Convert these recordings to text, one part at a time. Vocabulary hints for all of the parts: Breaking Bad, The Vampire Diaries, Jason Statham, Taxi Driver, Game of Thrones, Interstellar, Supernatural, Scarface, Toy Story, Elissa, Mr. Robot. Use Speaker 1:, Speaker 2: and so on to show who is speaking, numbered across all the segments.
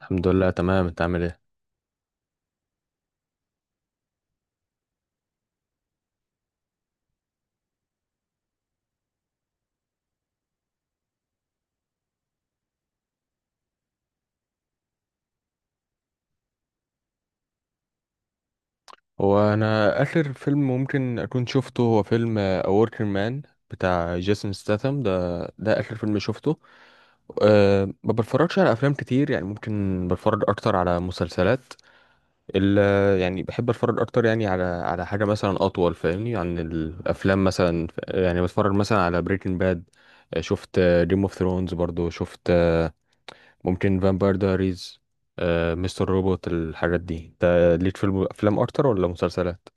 Speaker 1: الحمد لله تمام، انت عامل ايه؟ هو انا اخر فيلم ممكن اكون شفته هو فيلم اوركر مان بتاع جيسون ستاثام، ده اخر فيلم شفته. أه ما بتفرجش على افلام كتير، يعني ممكن بتفرج اكتر على مسلسلات. ال يعني بحب اتفرج اكتر يعني على حاجه مثلا اطول فاهمني عن الافلام. مثلا يعني بتفرج مثلا على بريكنج باد، شفت جيم اوف ثرونز برضو، شفت ممكن فامباير دايريز، مستر روبوت، الحاجات دي. انت ليك في افلام اكتر ولا مسلسلات؟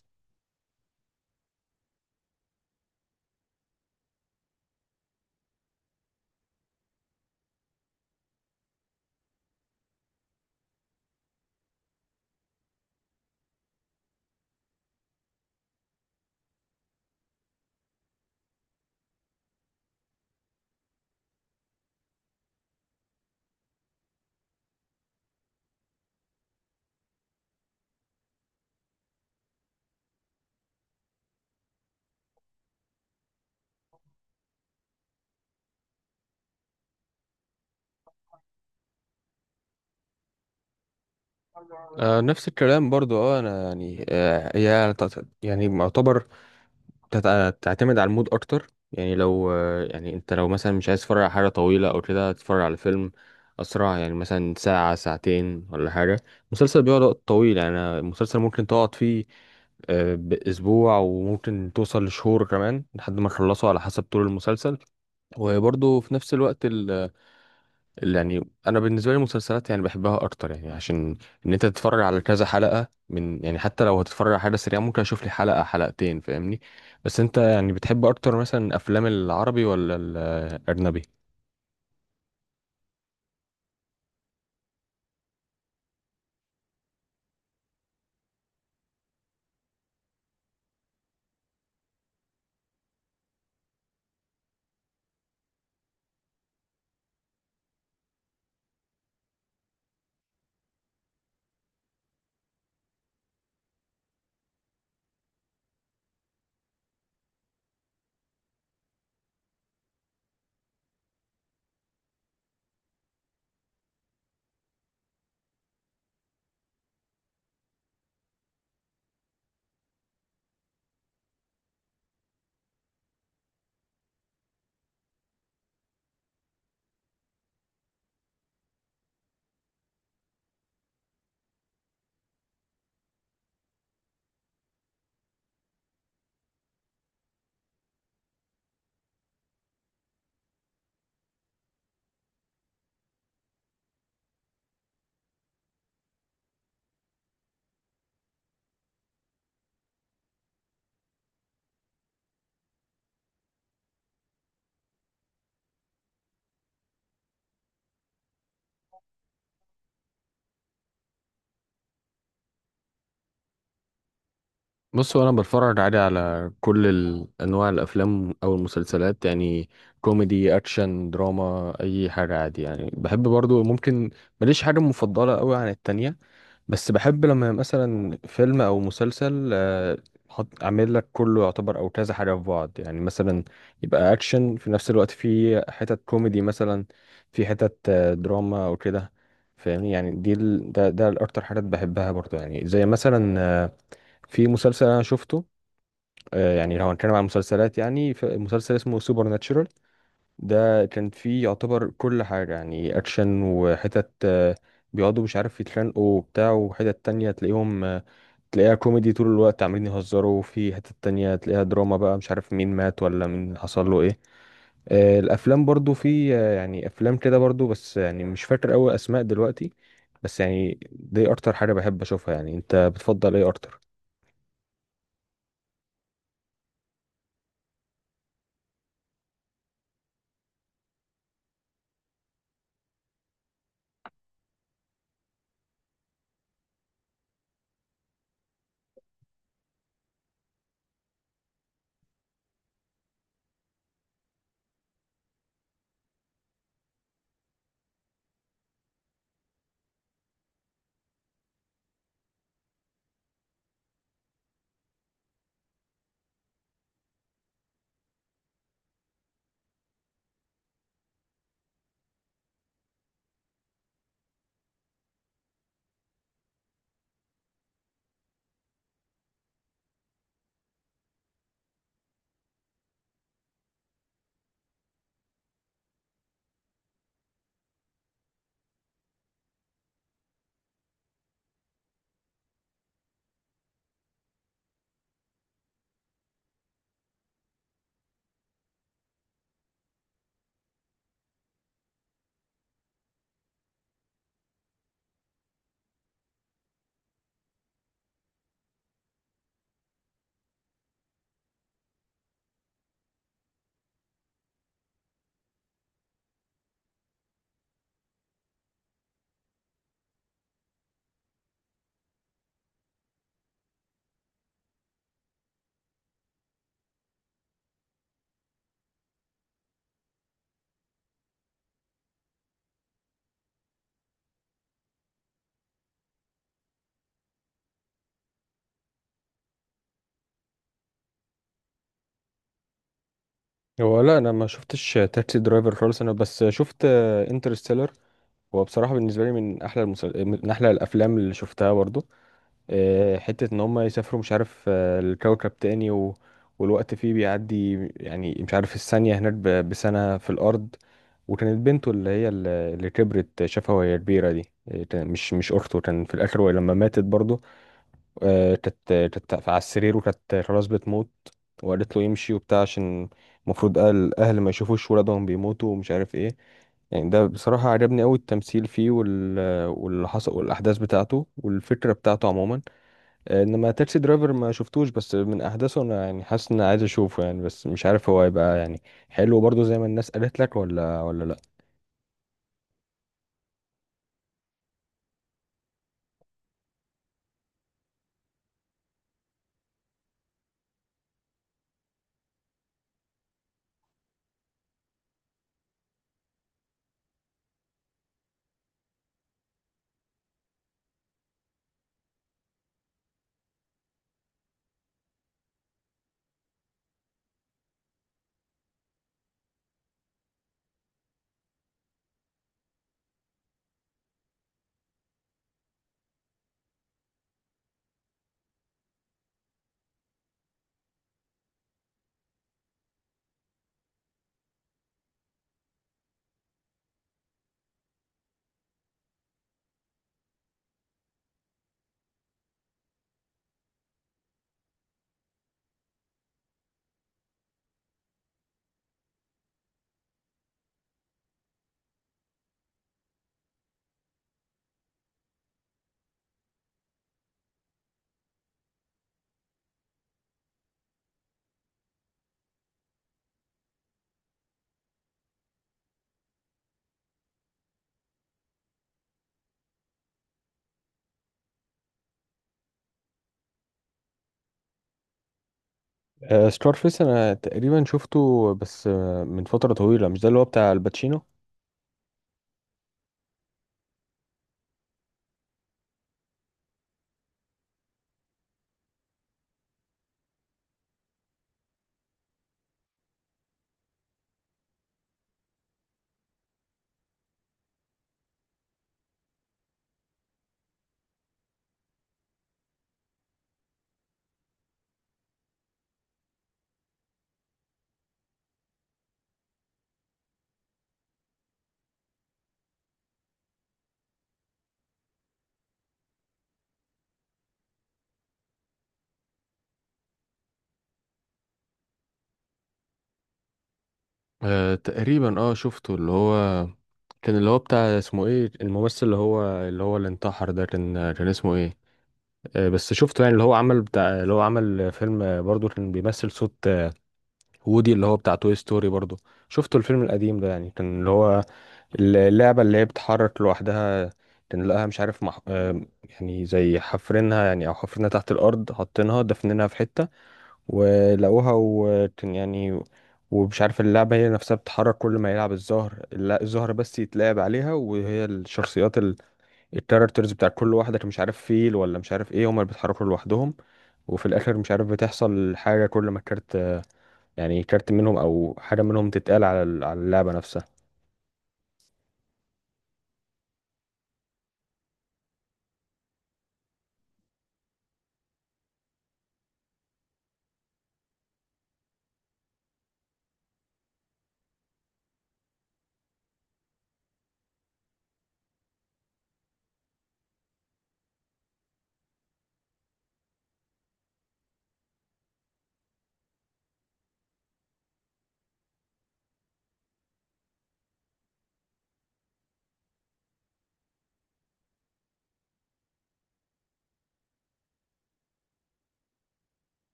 Speaker 1: آه نفس الكلام برضو. اه انا يعني هي يعني معتبر تعتمد على المود اكتر. يعني لو يعني انت لو مثلا مش عايز تتفرج على حاجه طويله او كده، تتفرج على فيلم اسرع، يعني مثلا ساعه ساعتين ولا حاجه. مسلسل بيقعد وقت طويل، يعني المسلسل ممكن تقعد فيه آه باسبوع، وممكن توصل لشهور كمان لحد ما تخلصه على حسب طول المسلسل. وبرضه في نفس الوقت يعني انا بالنسبه لي المسلسلات يعني بحبها اكتر، يعني عشان ان انت تتفرج على كذا حلقه. من يعني حتى لو هتتفرج على حاجه سريعه ممكن اشوف لي حلقه حلقتين فاهمني. بس انت يعني بتحب اكتر مثلا افلام العربي ولا الاجنبي؟ بص انا بتفرج عادي على كل انواع الافلام او المسلسلات، يعني كوميدي اكشن دراما اي حاجه عادي يعني. بحب برضو ممكن، ماليش حاجه مفضله قوي عن التانية. بس بحب لما مثلا فيلم او مسلسل حط عامل لك كله يعتبر او كذا حاجه في بعض، يعني مثلا يبقى اكشن في نفس الوقت في حتت كوميدي مثلا، في حتت دراما او كده. فاهمني يعني دي ال... ده ده الاكتر حاجات بحبها برضو. يعني زي مثلا آه، في مسلسل انا شفته، يعني لو هنتكلم عن مسلسلات، يعني في مسلسل اسمه سوبر ناتشورال، ده كان فيه يعتبر كل حاجة، يعني أكشن وحتت بيقعدوا مش عارف يتخانقوا وبتاع، وحتت تانية تلاقيهم تلاقيها كوميدي طول الوقت عمالين يهزروا، وفي حتت تانية تلاقيها دراما بقى مش عارف مين مات ولا مين حصل له ايه. الأفلام برضو في يعني أفلام كده برضو، بس يعني مش فاكر أوي أسماء دلوقتي. بس يعني دي أكتر حاجة بحب أشوفها. يعني أنت بتفضل ايه أكتر؟ هو لا، أنا ما شفتش تاكسي درايفر خالص، أنا بس شفت انترستيلر. هو بصراحة بالنسبة لي من من أحلى الأفلام اللي شفتها برضو. حتة إن هما يسافروا مش عارف الكوكب تاني والوقت فيه بيعدي، يعني مش عارف الثانية هناك بسنة في الأرض. وكانت بنته اللي هي اللي كبرت شافها وهي كبيرة دي، مش أخته. كان في الآخر وهي لما ماتت برضو، كانت على السرير وكانت خلاص بتموت، وقالت له يمشي وبتاع، عشان المفروض الاهل ما يشوفوش ولادهم بيموتوا ومش عارف ايه. يعني ده بصراحة عجبني أوي التمثيل فيه واللي حصل والأحداث بتاعته والفكرة بتاعته عموما. إنما تاكسي درايفر ما شفتوش، بس من أحداثه أنا يعني حاسس إن عايز أشوفه، يعني بس مش عارف هو هيبقى يعني حلو برضه زي ما الناس قالت لك ولا لأ. ستار فيس أنا تقريبا شفته، بس من فترة طويلة. مش ده اللي هو بتاع الباتشينو؟ آه تقريبا اه شفته. اللي هو كان اللي هو بتاع اسمه ايه، الممثل اللي هو اللي انتحر ده، كان كان اسمه ايه. آه بس شفته، يعني اللي هو عمل فيلم برضه كان بيمثل صوت وودي اللي هو بتاع توي ستوري برضه. شفته الفيلم القديم ده، يعني كان اللي هو اللعبة اللي هي بتتحرك لوحدها، كان لقاها مش عارف مح... آه، يعني زي حفرينها، يعني او حفرينها تحت الارض حاطينها دفنينها في حتة ولقوها. وكان يعني ومش عارف اللعبة هي نفسها بتتحرك كل ما يلعب الزهر، الزهر بس يتلعب عليها، وهي الشخصيات الكاركترز بتاع كل واحدة، كان مش عارف فيل ولا مش عارف ايه، هما اللي بيتحركوا لوحدهم. وفي الآخر مش عارف بتحصل حاجة كل ما كارت، يعني كارت منهم أو حاجة منهم تتقال على على اللعبة نفسها.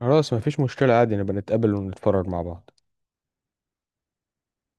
Speaker 1: خلاص مفيش مشكلة عادي، نبقى نتقابل ونتفرج مع بعض.